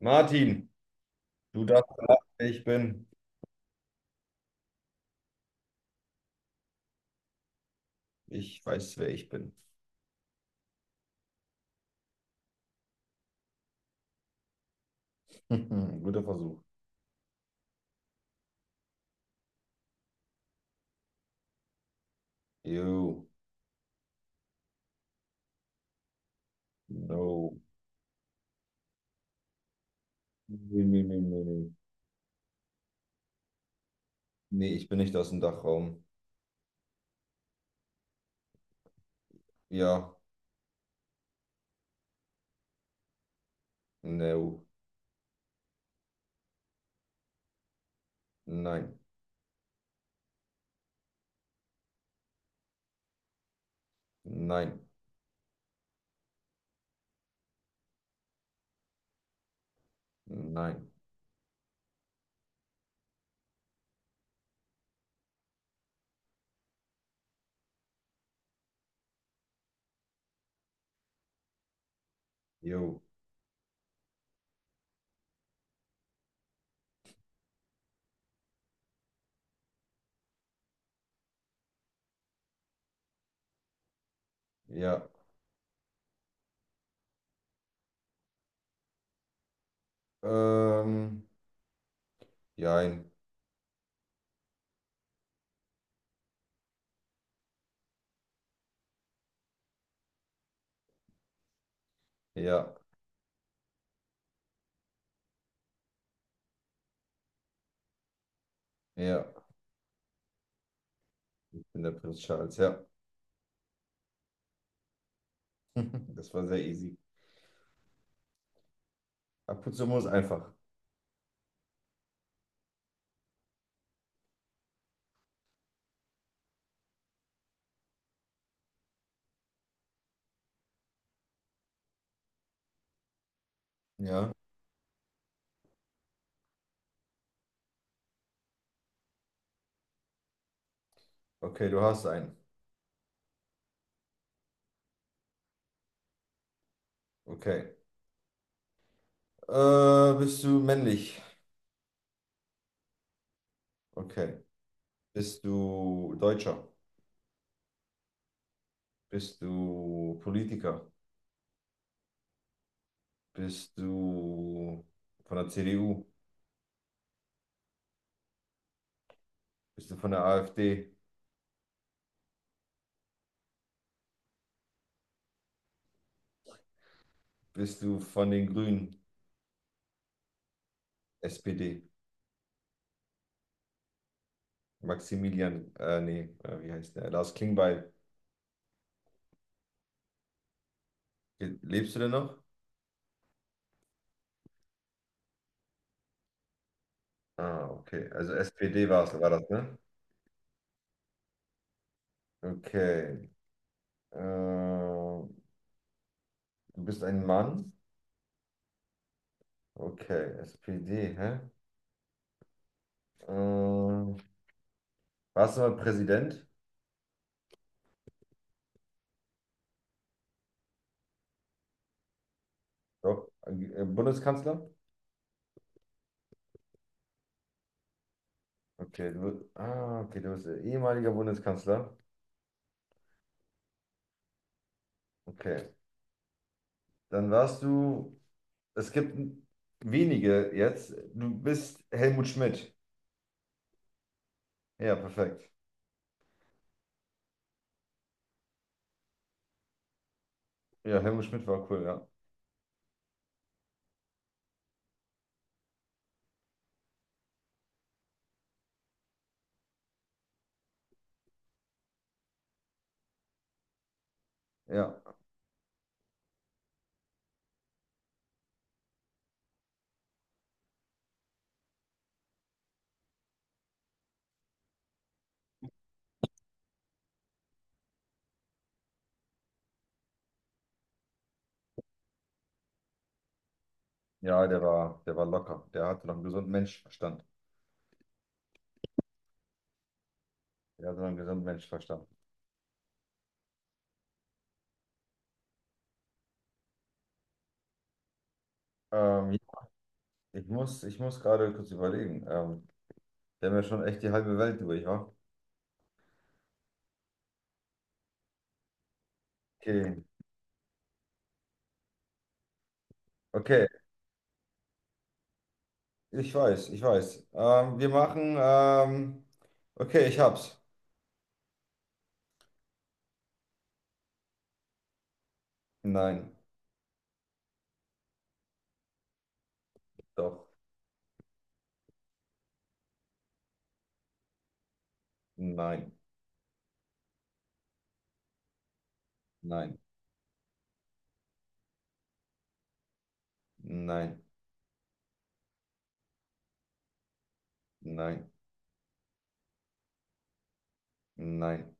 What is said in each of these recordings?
Martin, du darfst raten, wer ich bin. Ich weiß, wer ich bin. Guter Versuch. Ew. No. Nee, nee, nee, nee, nee. Nee, ich bin nicht aus dem Dachraum. Ja. No. Nein. Nein. Nein. Jo. Ja. Ähm. Jein. Ja. Ja. Ich bin der Prinz Charles. Ja. Das war sehr easy. Ab und zu muss einfach. Ja. Okay, du hast einen. Okay. Bist du männlich? Okay. Bist du Deutscher? Bist du Politiker? Bist du von der CDU? Bist du von der AfD? Bist du von den Grünen? SPD? Maximilian, nee, wie heißt der? Lars Klingbeil. Lebst du denn noch? Ah, okay. Also SPD war es, war das, ne? Okay. Du bist ein Mann? Okay, SPD, hä? Äh, Warst du mal Präsident? Doch. Bundeskanzler? Okay, du, okay, du bist ehemaliger Bundeskanzler. Okay, dann warst du, es gibt wenige jetzt, du bist Helmut Schmidt. Ja, perfekt. Ja, Helmut Schmidt war cool, ja. Ja, ja, der war locker. Der hatte noch einen gesunden Menschenverstand. Der hatte noch einen gesunden Menschenverstand. Ähm, ich muss gerade kurz überlegen. Wir haben ja schon echt die halbe Welt durch, wa? Okay, okay, ich weiß, ich weiß. Wir machen, okay, ich hab's. Nein, doch. Nein, nein, nein, nein, nein,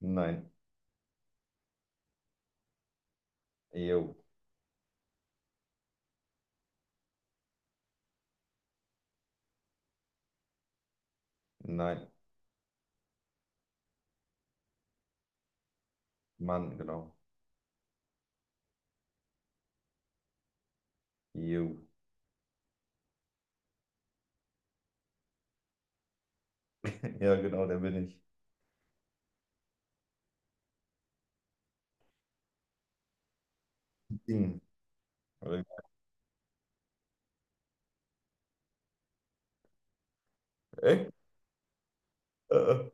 nein. Jo, nein, Mann, genau. Jo. Ja, genau, der bin ich. Ding. Oder- Echt? Äh, äh.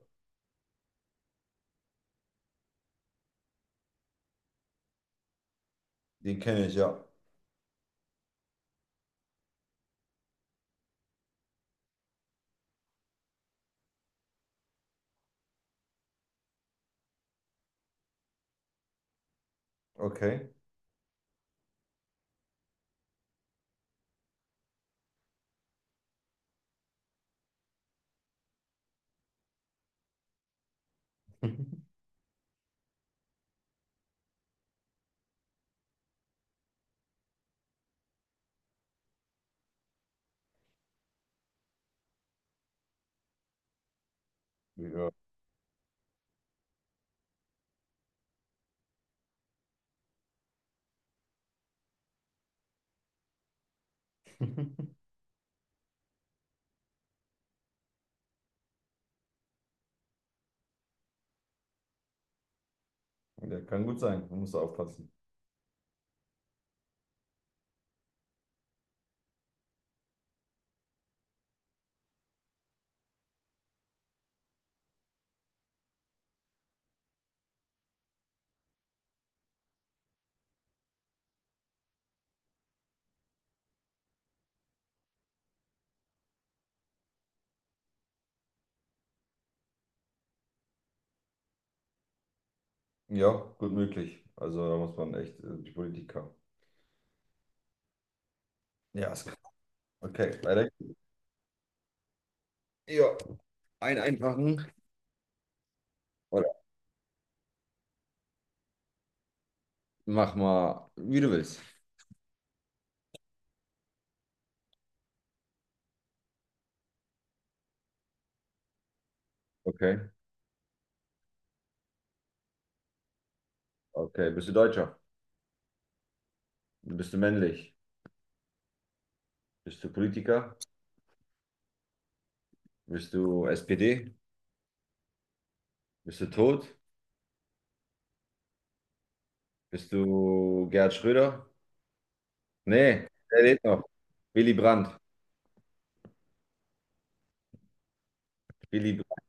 Den kenne ich, ja. Okay. Ja. Der kann gut sein. Man muss da aufpassen. Ja, gut möglich. Also da muss man echt die Politiker. Ja, ist klar. Okay, weiter. Ja, ein einfachen. Oder mach mal, wie du willst. Okay. Okay, bist du Deutscher? Bist du männlich? Bist du Politiker? Bist du SPD? Bist du tot? Bist du Gerhard Schröder? Nee, der lebt noch. Willy Brandt. Willy Brandt.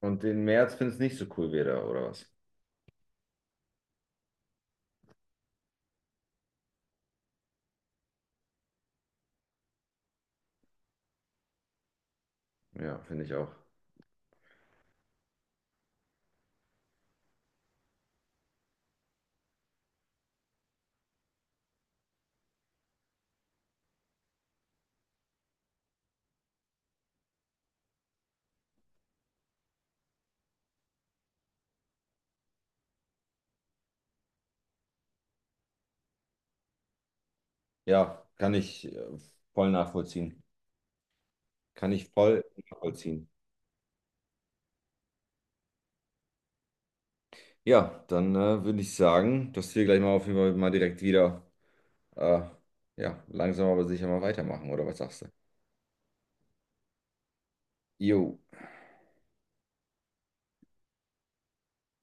Und den Merz findest nicht so cool wieder, oder was? Ja, finde ich auch. Ja, kann ich voll nachvollziehen. Kann ich voll nachvollziehen. Ja, dann würde ich sagen, dass wir gleich mal auf jeden Fall mal direkt wieder, äh, ja, langsam aber sicher mal weitermachen, oder was sagst du? Jo.